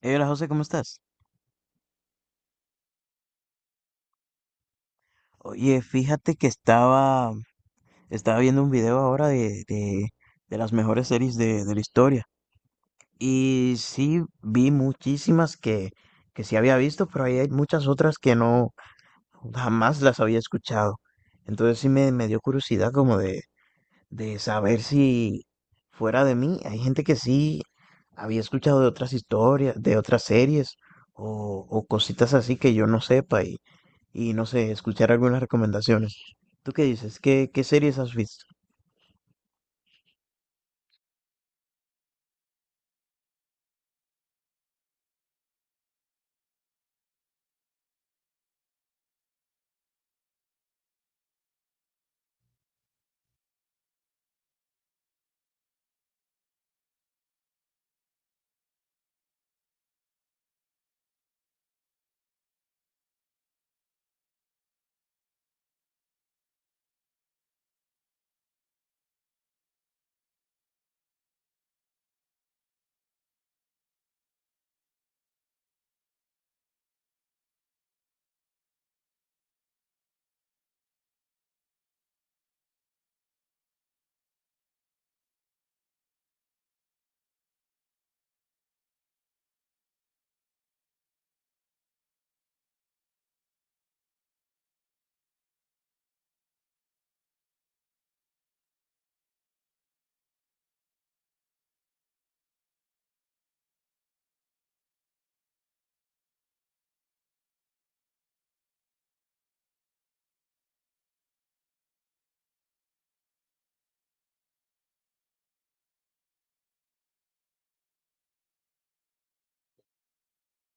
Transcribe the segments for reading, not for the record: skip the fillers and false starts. Hey, hola José, ¿cómo estás? Oye, fíjate que estaba viendo un video ahora de las mejores series de la historia. Y sí, vi muchísimas que sí había visto, pero ahí hay muchas otras que no, jamás las había escuchado. Entonces sí me dio curiosidad como de saber si fuera de mí, hay gente que sí había escuchado de otras historias, de otras series o cositas así que yo no sepa y no sé, escuchar algunas recomendaciones. ¿Tú qué dices? ¿Qué series has visto?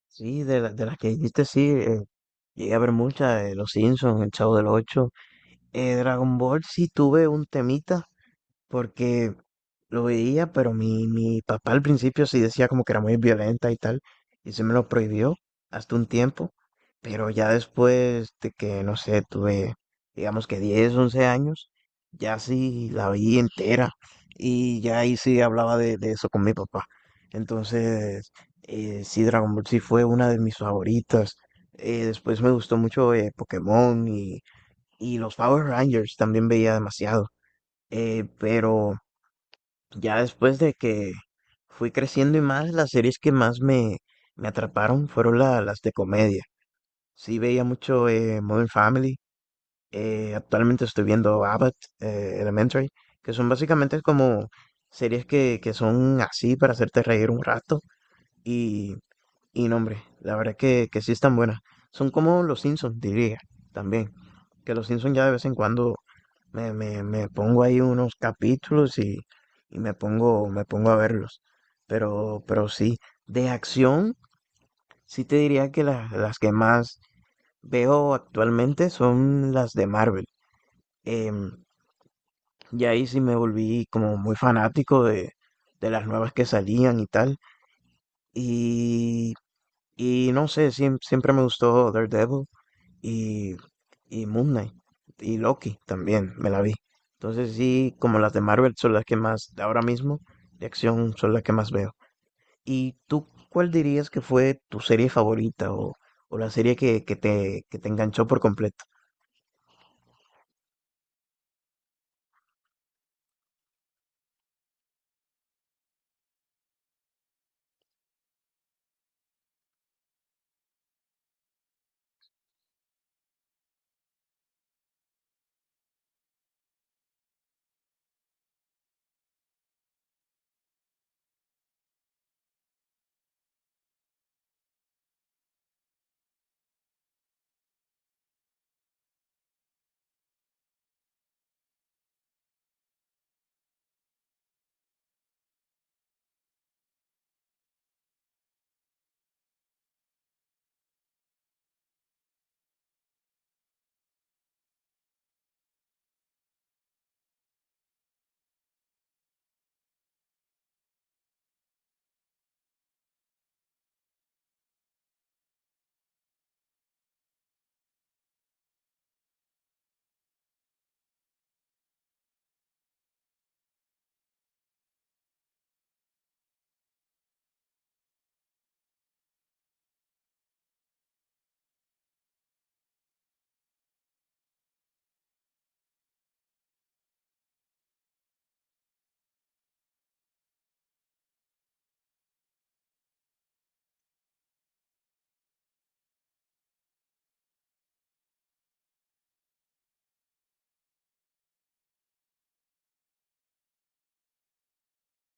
Sí, de las que dijiste, sí, llegué a ver muchas, Los Simpsons, El Chavo del Ocho, Dragon Ball, sí tuve un temita porque lo veía, pero mi papá al principio sí decía como que era muy violenta y tal, y se me lo prohibió hasta un tiempo, pero ya después de que, no sé, tuve, digamos que 10 11 años, ya sí la vi entera, y ya ahí sí hablaba de eso con mi papá. Entonces, sí, Dragon Ball sí fue una de mis favoritas. Después me gustó mucho Pokémon y los Power Rangers también veía demasiado. Pero ya después de que fui creciendo y más, las series que más me atraparon fueron las de comedia. Sí veía mucho Modern Family, actualmente estoy viendo Abbott Elementary, que son básicamente como series que son así para hacerte reír un rato. y y no, hombre, la verdad que sí están buenas. Son como los Simpsons, diría, también. Que los Simpsons ya de vez en cuando me pongo ahí unos capítulos y me pongo a verlos. Pero sí, de acción, sí te diría que las que más veo actualmente son las de Marvel. Em, y ahí sí me volví como muy fanático de las nuevas que salían y tal. Y, y no sé, siempre me gustó Daredevil. y, y Moon Knight y Loki también me la vi. Entonces sí, como las de Marvel son las que más, ahora mismo, de acción son las que más veo. ¿Y tú cuál dirías que fue tu serie favorita o la serie que te enganchó por completo?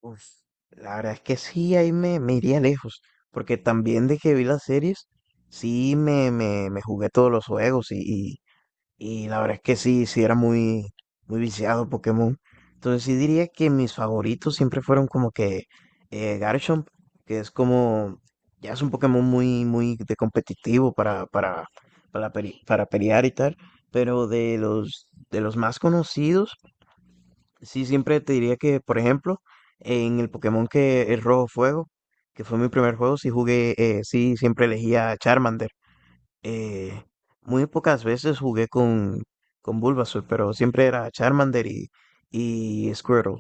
Uf, la verdad es que sí, ahí me iría lejos, porque también de que vi las series, sí me jugué todos los juegos Y la verdad es que sí, sí era muy, muy viciado Pokémon. Entonces sí diría que mis favoritos siempre fueron como que Garchomp, que es como, ya es un Pokémon muy, muy de competitivo para pelear y tal. Pero de los más conocidos, sí siempre te diría que, por ejemplo, en el Pokémon que es Rojo Fuego, que fue mi primer juego, sí jugué, sí siempre elegía a Charmander. Eh, muy pocas veces jugué con Bulbasaur, pero siempre era Charmander y Squirtle.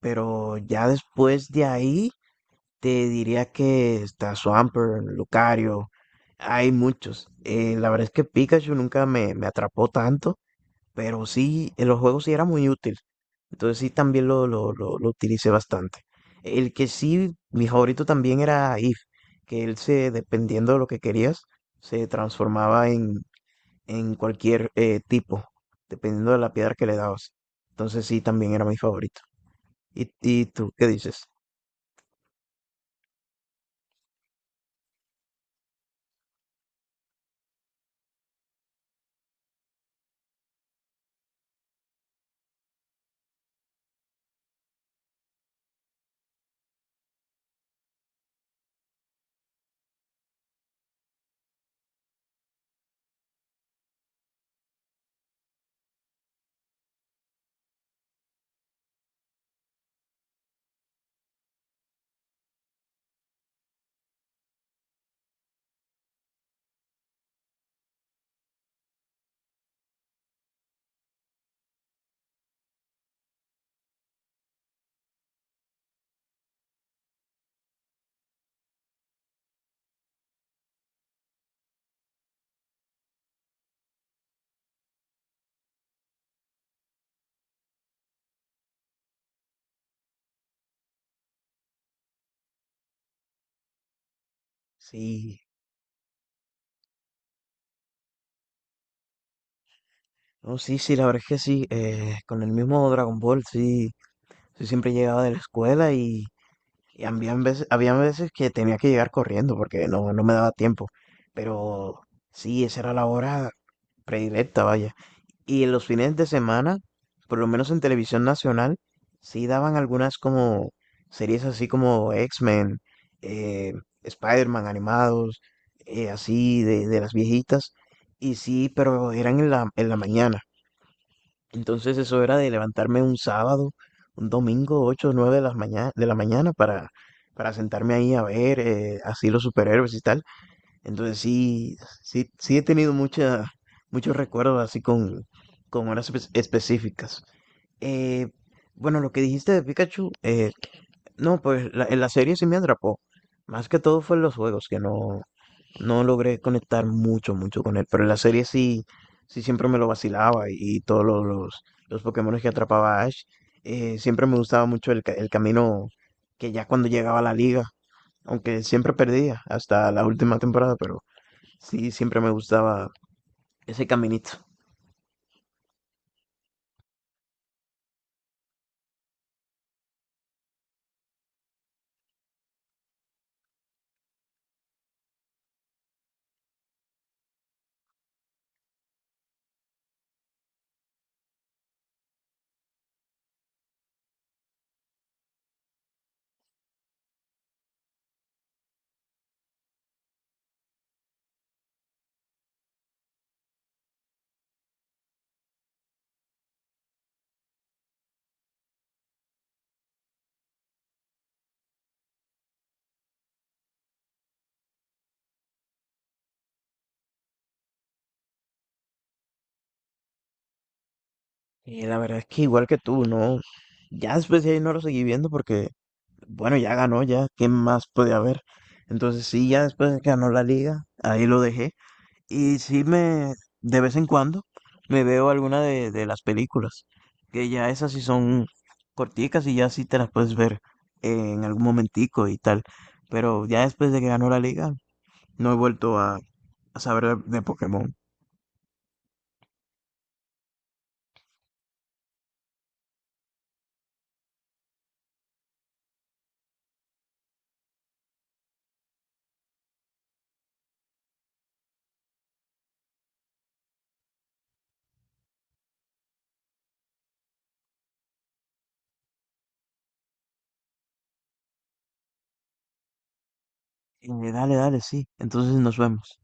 Pero ya después de ahí, te diría que está Swampert, Lucario, hay muchos. La verdad es que Pikachu nunca me atrapó tanto, pero sí, en los juegos sí era muy útil. Entonces sí, también lo utilicé bastante. El que sí, mi favorito también era If, que él se, dependiendo de lo que querías, se transformaba en cualquier tipo, dependiendo de la piedra que le dabas. Entonces sí, también era mi favorito. ¿Y tú qué dices? Sí, no, sí, sí, la verdad es que sí, con el mismo Dragon Ball, sí, yo siempre llegaba de la escuela y había veces que tenía que llegar corriendo porque no, no me daba tiempo, pero sí, esa era la hora predilecta, vaya. Y en los fines de semana, por lo menos en televisión nacional, sí daban algunas como series así como X-Men, eh, Spider-Man animados, así de las viejitas. Y sí, pero eran en la mañana. Entonces eso era de levantarme un sábado, un domingo, 8, o 9 de la mañana para sentarme ahí a ver así los superhéroes y tal. Entonces sí, sí, sí he tenido muchos recuerdos así con horas específicas. Eh, bueno, lo que dijiste de Pikachu, no, pues en la serie sí me atrapó. Más que todo fue en los juegos, que no, no logré conectar mucho, mucho con él. Pero en la serie sí, sí siempre me lo vacilaba y todos los Pokémones que atrapaba Ash. Siempre me gustaba mucho el camino que ya cuando llegaba a la liga, aunque siempre perdía hasta la última temporada, pero... Sí, siempre me gustaba ese caminito. Y la verdad es que igual que tú, ¿no? Ya después de ahí no lo seguí viendo porque, bueno, ya ganó, ya, ¿qué más puede haber? Entonces sí, ya después de que ganó la liga, ahí lo dejé. Y sí de vez en cuando, me veo alguna de las películas, que ya esas sí son corticas y ya sí te las puedes ver en algún momentico y tal. Pero ya después de que ganó la liga, no he vuelto a saber de Pokémon. Dale, dale, sí. Entonces nos vemos.